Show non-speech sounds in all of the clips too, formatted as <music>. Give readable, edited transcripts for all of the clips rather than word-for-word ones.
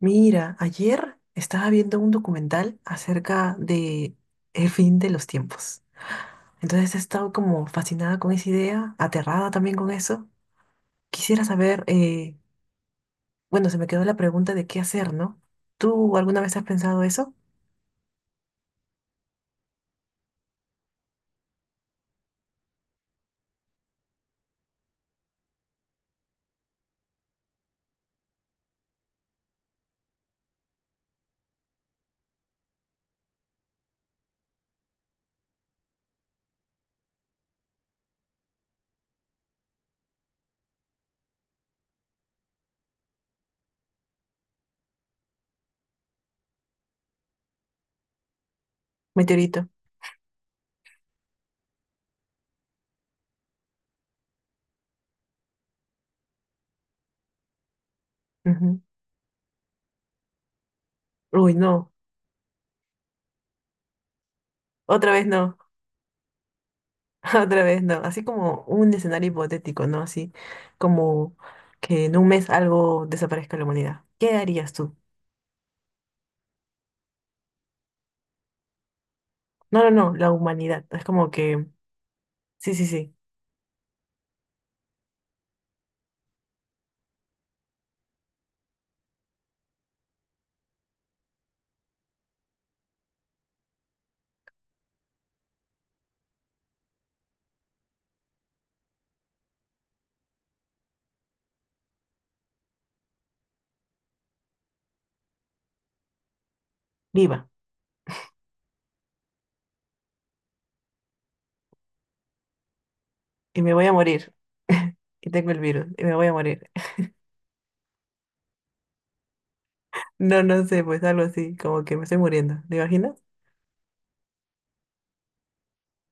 Mira, ayer estaba viendo un documental acerca de el fin de los tiempos. Entonces he estado como fascinada con esa idea, aterrada también con eso. Quisiera saber, bueno, se me quedó la pregunta de qué hacer, ¿no? ¿Tú alguna vez has pensado eso? Meteorito. Ujú. Uy, no, otra vez no, <laughs> otra vez no. Así como un escenario hipotético, ¿no? Así como que en un mes algo desaparezca de la humanidad. ¿Qué harías tú? No, no, no, la humanidad. Es como que, sí, sí, sí. Viva y me voy a morir. <laughs> Y tengo el virus y me voy a morir. <laughs> No, no sé, pues algo así, como que me estoy muriendo. ¿Te imaginas?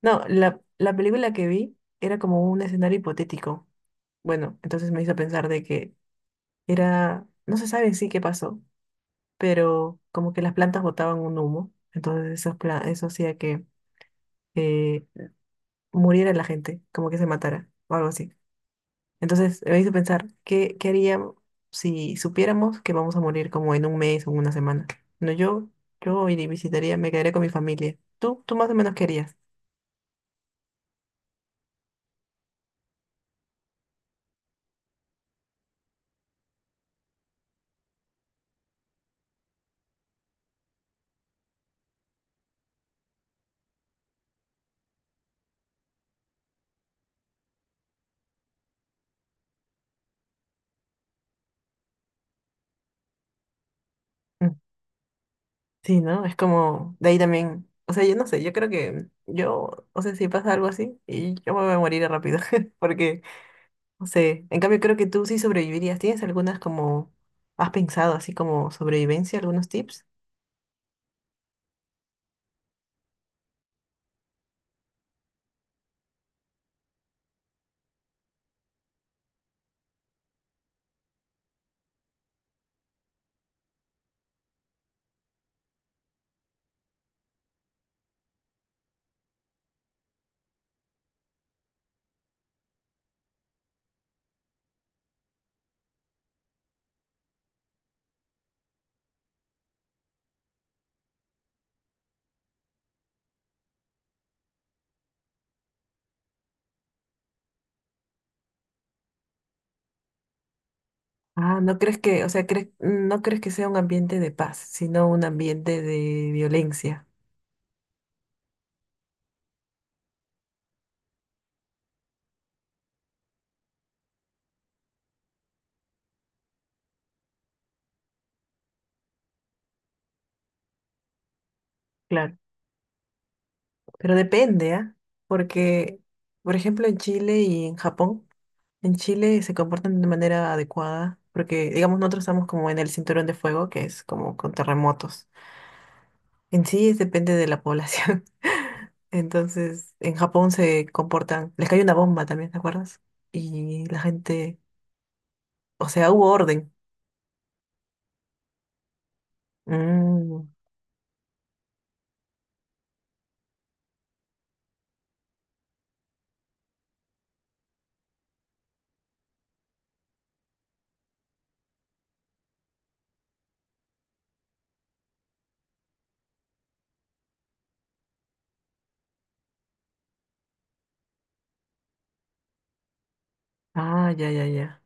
No, la película que vi era como un escenario hipotético. Bueno, entonces me hizo pensar de que era, no se sabe en sí qué pasó, pero como que las plantas botaban un humo, entonces eso hacía que eh, muriera la gente, como que se matara o algo así. Entonces me hizo pensar, ¿qué haríamos si supiéramos que vamos a morir como en un mes o en una semana? No, yo iría y visitaría, me quedaría con mi familia. ¿Tú más o menos querías? Mm. Sí, ¿no? Es como, de ahí también, o sea, yo no sé, yo creo que yo, o sea, si pasa algo así, y yo me voy a morir rápido, <laughs> porque sí, en cambio creo que tú sí sobrevivirías. ¿Tienes algunas como, has pensado así como sobrevivencia, algunos tips? Ah, no crees que, o sea, crees, no crees que sea un ambiente de paz, sino un ambiente de violencia. Claro. Pero depende, ¿ah? Porque, por ejemplo, en Chile y en Japón. En Chile se comportan de manera adecuada, porque digamos nosotros estamos como en el cinturón de fuego, que es como con terremotos. En sí es- depende de la población. <laughs> Entonces, en Japón se comportan, les cayó una bomba también, ¿te acuerdas? Y la gente, o sea, hubo orden. Mm. Ah, ya, ya, ya.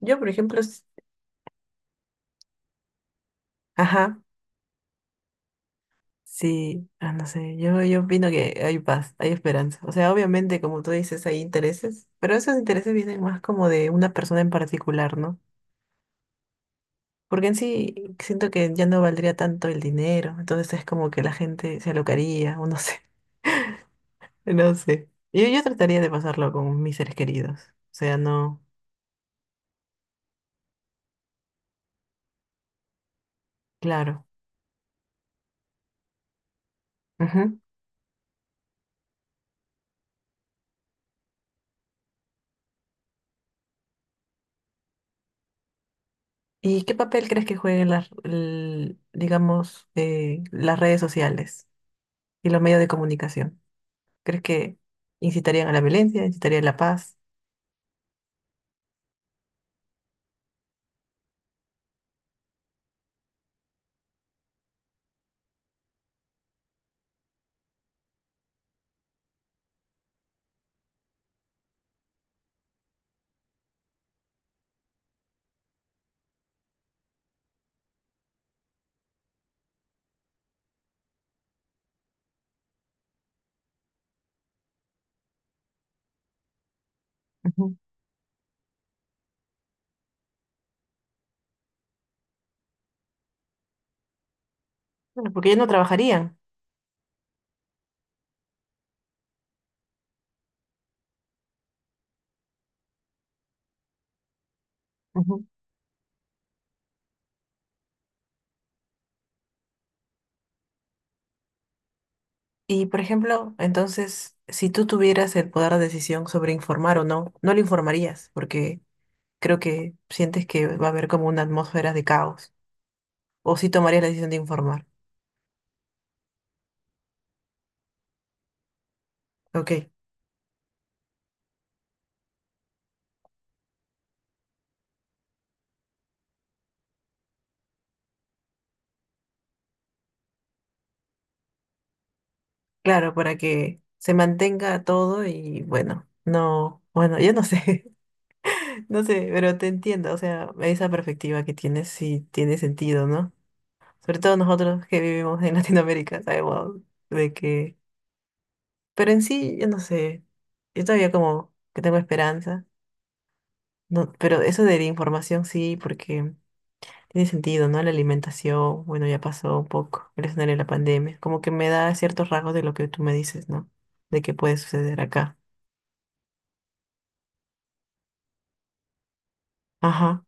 Yo, por ejemplo, s- ajá, sí, ah, no sé, yo opino que hay paz, hay esperanza. O sea, obviamente, como tú dices, hay intereses, pero esos intereses vienen más como de una persona en particular, ¿no? Porque en sí siento que ya no valdría tanto el dinero, entonces es como que la gente se alocaría, o no sé, <laughs> no sé. Yo trataría de pasarlo con mis seres queridos, o sea, no, claro. Ujú. ¿Y qué papel crees que jueguen las, l- digamos, las redes sociales y los medios de comunicación? ¿Crees que incitarían a la violencia, incitarían a la paz? Ujú. Bueno, porque ya no trabajarían. Y, por ejemplo, entonces, si tú tuvieras el poder de decisión sobre informar o no, no lo informarías, porque creo que sientes que va a haber como una atmósfera de caos, o si tomarías la decisión de informar. Ok, claro, para que se mantenga todo y bueno, no, bueno, yo no sé, <laughs> no sé, pero te entiendo, o sea, esa perspectiva que tienes sí tiene sentido, ¿no? Sobre todo nosotros que vivimos en <laughs> Latinoamérica, sabemos de que, pero en sí, yo no sé, yo todavía como que tengo esperanza. No, pero eso de la información sí, porque tiene sentido, ¿no? La alimentación, bueno, ya pasó un poco el escenario de la pandemia. Como que me da ciertos rasgos de lo que tú me dices, ¿no? De qué puede suceder acá. Ajá,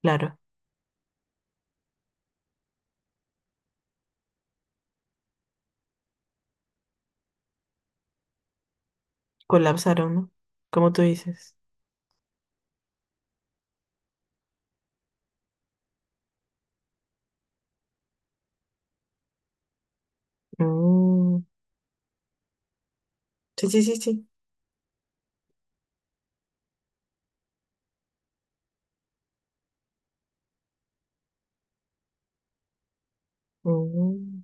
claro. Colapsaron, ¿no? Como tú dices. Mm. Sí, sí, sí, sí. Mm.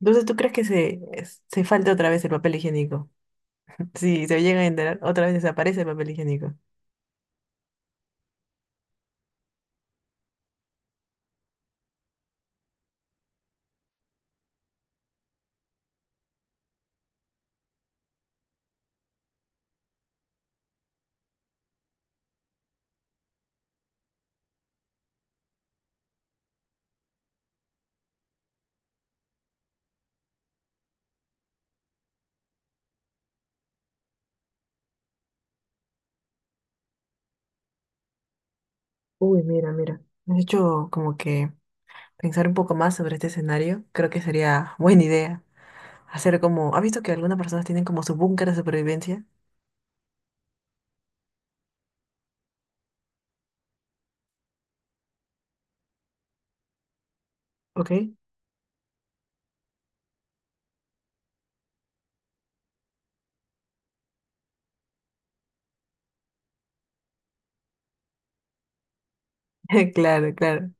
Entonces, ¿tú crees que se, es- se falta otra vez el papel higiénico? Sí, se llega a enterar, otra vez desaparece el papel higiénico. Uy, mira, mira. De hecho, como que pensar un poco más sobre este escenario, creo que sería buena idea hacer como, ¿has visto que algunas personas tienen como su búnker de supervivencia? ¿Ok? <laughs> Claro, claro,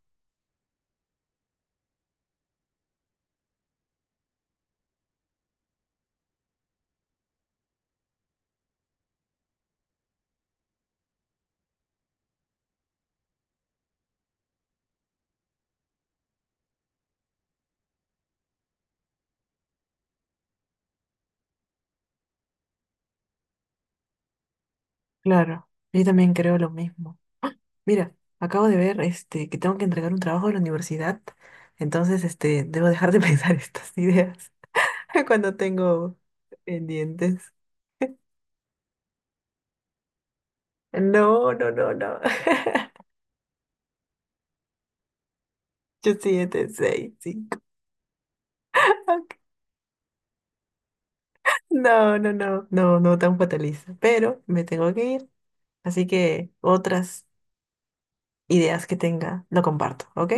claro. Yo también creo lo mismo. Mira, acabo de ver este que tengo que entregar un trabajo de la universidad, entonces este debo dejar de <laughs> pensar estas ideas <laughs> cuando tengo pendientes. No, no, no, no. <laughs> Yo siete, seis, cinco. <laughs> No, no, no, no, no tan fatalista. Pero me tengo que ir. Así que otras ideas que tenga, lo comparto, ¿ok?